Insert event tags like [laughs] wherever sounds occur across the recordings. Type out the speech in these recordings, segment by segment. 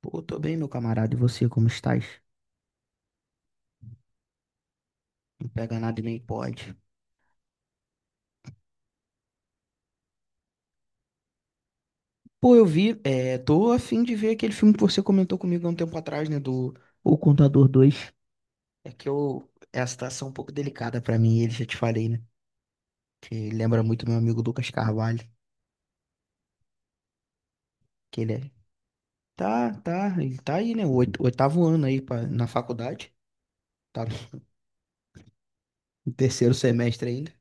Pô, tô bem, meu camarada. E você, como estás? Não pega nada e nem pode. Pô, eu vi, tô a fim de ver aquele filme que você comentou comigo há um tempo atrás, né, do O Contador 2. É que eu, é a situação um pouco delicada pra mim, ele já te falei, né, que lembra muito meu amigo Lucas Carvalho, que ele é, tá, tá, ele tá aí, né, o oitavo ano aí pra, na faculdade, tá no terceiro semestre ainda.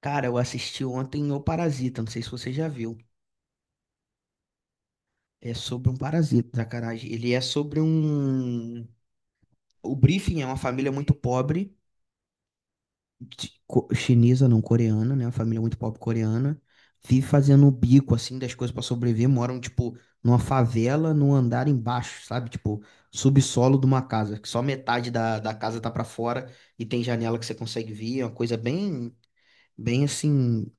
Cara, eu assisti ontem O Parasita, não sei se você já viu. É sobre um parasita, sacanagem. Ele é sobre um. O briefing é uma família muito pobre, chinesa, não coreana, né? Uma família muito pobre coreana. Vive fazendo o bico, assim, das coisas pra sobreviver. Moram, tipo, numa favela, num andar embaixo, sabe? Tipo, subsolo de uma casa, que só metade da casa tá pra fora e tem janela que você consegue ver. É uma coisa bem, bem assim.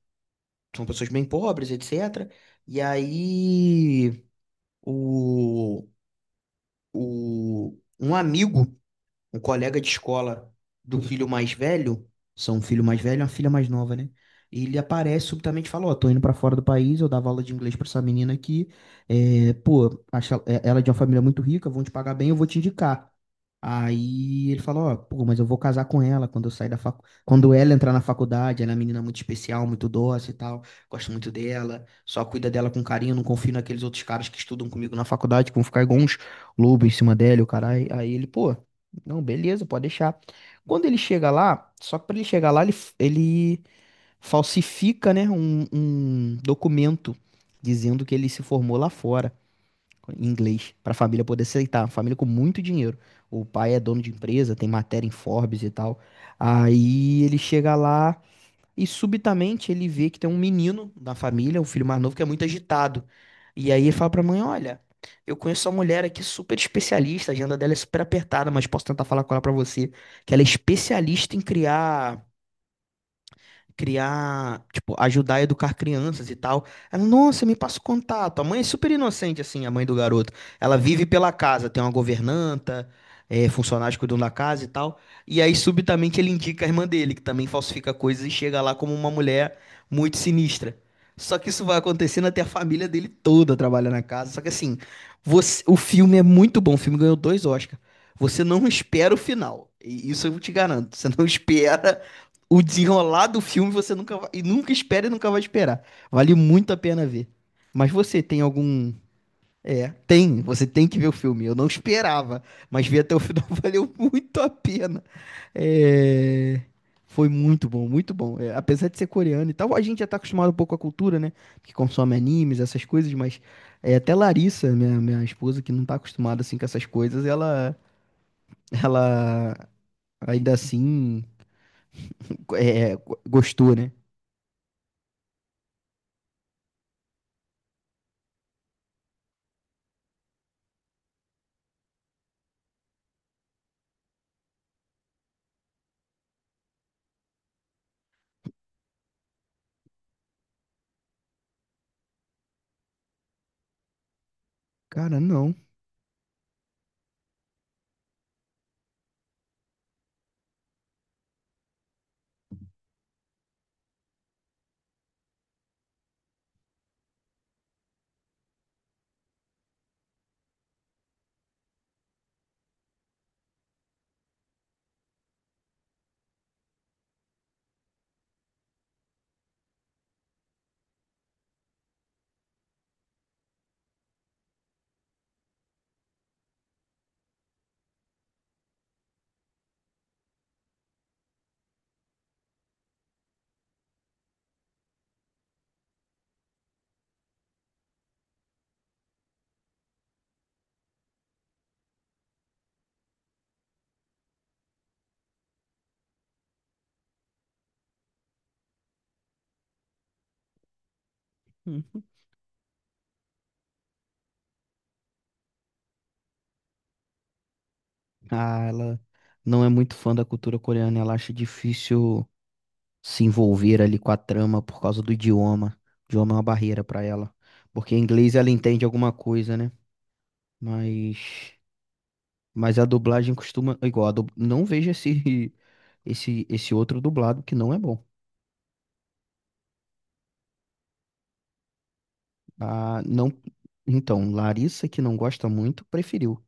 São pessoas bem pobres, etc. E aí, o, o, um amigo um colega de escola do filho mais velho, são um filho mais velho e uma filha mais nova, né? E ele aparece subitamente e fala, ó, tô indo pra fora do país, eu dava aula de inglês pra essa menina aqui, é, pô, acho ela ela é de uma família muito rica, vão te pagar bem, eu vou te indicar. Aí ele falou, ó, pô, mas eu vou casar com ela quando eu sair da quando ela entrar na faculdade, ela é uma menina muito especial, muito dócil e tal, gosto muito dela, só cuida dela com carinho, não confio naqueles outros caras que estudam comigo na faculdade, que vão ficar igual uns lobos em cima dela, e o caralho. Aí ele, pô, não, beleza, pode deixar. Quando ele chega lá, só que para ele chegar lá, ele falsifica, né, um documento dizendo que ele se formou lá fora, em inglês, para a família poder aceitar. Uma família com muito dinheiro. O pai é dono de empresa, tem matéria em Forbes e tal. Aí ele chega lá. E subitamente ele vê que tem um menino na família, um filho mais novo, que é muito agitado. E aí ele fala pra mãe: olha, eu conheço uma mulher aqui super especialista, a agenda dela é super apertada, mas posso tentar falar com ela pra você. Que ela é especialista em criar, tipo, ajudar a educar crianças e tal. Ela, nossa, me passa o contato. A mãe é super inocente, assim, a mãe do garoto. Ela vive pela casa, tem uma governanta, é, funcionários cuidam da casa e tal. E aí, subitamente, ele indica a irmã dele, que também falsifica coisas e chega lá como uma mulher muito sinistra. Só que isso vai acontecendo até a família dele toda trabalha na casa. Só que assim, o filme é muito bom. O filme ganhou dois Oscars. Você não espera o final. E isso eu te garanto. Você não [laughs] espera o desenrolar do filme você nunca vai, e nunca espera e nunca vai esperar. Vale muito a pena ver. Mas você tem algum. É, tem, você tem que ver o filme. Eu não esperava, mas ver até o final [laughs] valeu muito a pena. É, foi muito bom, muito bom. É, apesar de ser coreano e tal, a gente já tá acostumado um pouco com a cultura, né? Que consome animes, essas coisas, mas é, até Larissa, minha esposa, que não tá acostumada assim com essas coisas, ela ainda assim, é, gostou, né? Cara, não. Hum. Ah, ela não é muito fã da cultura coreana, ela acha difícil se envolver ali com a trama por causa do idioma. O idioma é uma barreira pra ela, porque em inglês ela entende alguma coisa, né? Mas mas a dublagem costuma igual, não vejo esse [laughs] esse outro dublado que não é bom. Ah, não. Então, Larissa que não gosta muito, preferiu.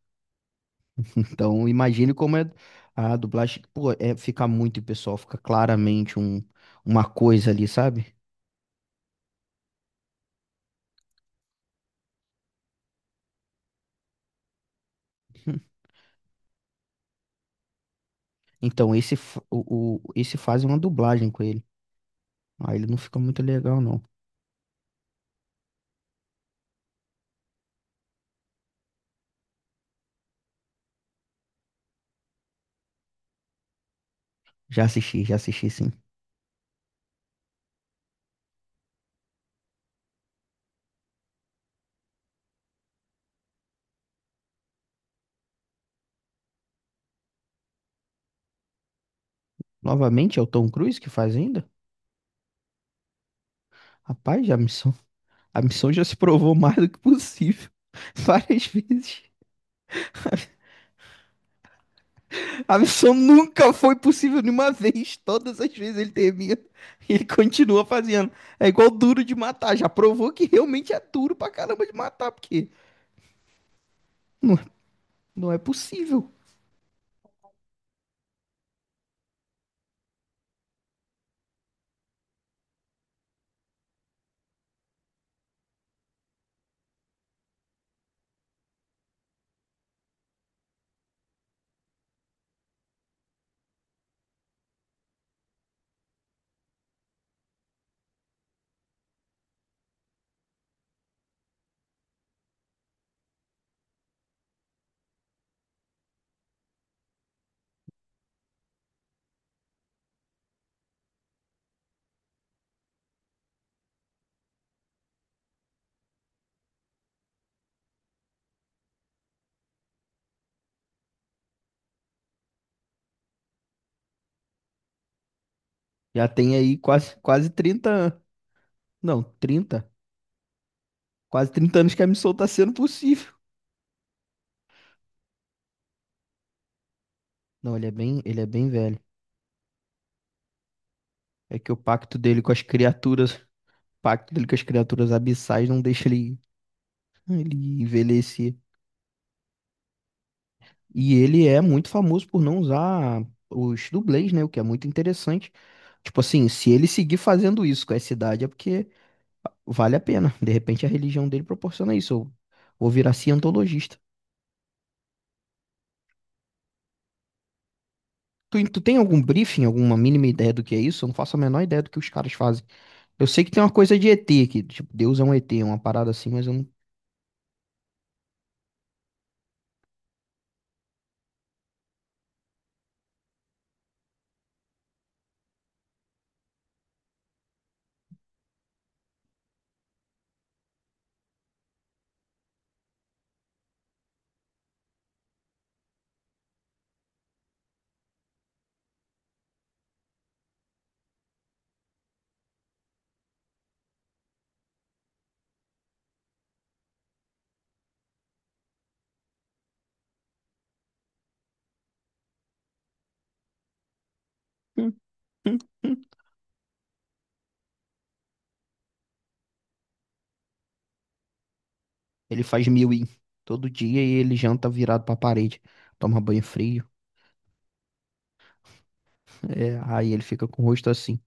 Então, imagine como é a dublagem, pô, é, fica muito pessoal, fica claramente um, uma coisa ali, sabe? [laughs] Então, esse, esse faz uma dublagem com ele. Ah, ele não fica muito legal, não. Já assisti, sim. Novamente, é o Tom Cruise que faz ainda? Rapaz, a missão já se provou [laughs] mais do que possível. [laughs] Várias vezes. A missão nunca foi possível nenhuma vez. Todas as vezes ele termina e ele continua fazendo. É igual duro de matar. Já provou que realmente é duro pra caramba de matar, porque não, não é possível. Já tem aí quase, quase 30 anos. Não, 30. Quase 30 anos que a missão tá sendo possível. Não, ele é bem velho. É que o pacto dele com as criaturas, o pacto dele com as criaturas abissais não deixa ele, ele envelhecer. E ele é muito famoso por não usar os dublês, né? O que é muito interessante. Tipo assim, se ele seguir fazendo isso com essa idade, é porque vale a pena. De repente a religião dele proporciona isso. Eu vou virar cientologista. Tu tem algum briefing, alguma mínima ideia do que é isso? Eu não faço a menor ideia do que os caras fazem. Eu sei que tem uma coisa de ET, que tipo, Deus é um ET, uma parada assim, mas eu não. [laughs] Hum, hum, hum. Ele faz milwing todo dia e ele janta virado pra parede. Toma banho frio. É, aí ele fica com o rosto assim.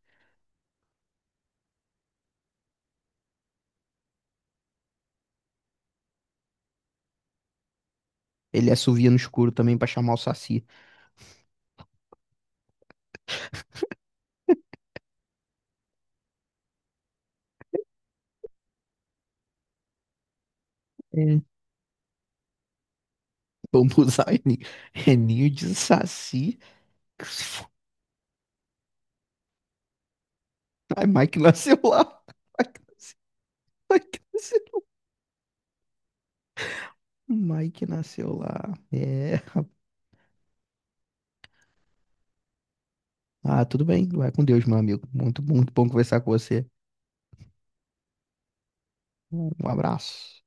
Ele assovia no escuro também pra chamar o saci. É. Vamos usar é ninho de saci. Ai, Mike nasceu lá. Mike nasceu, Mike nasceu lá. Mike nasceu lá. É. Ah, tudo bem. Vai com Deus, meu amigo. Muito, muito bom conversar com você. Um abraço.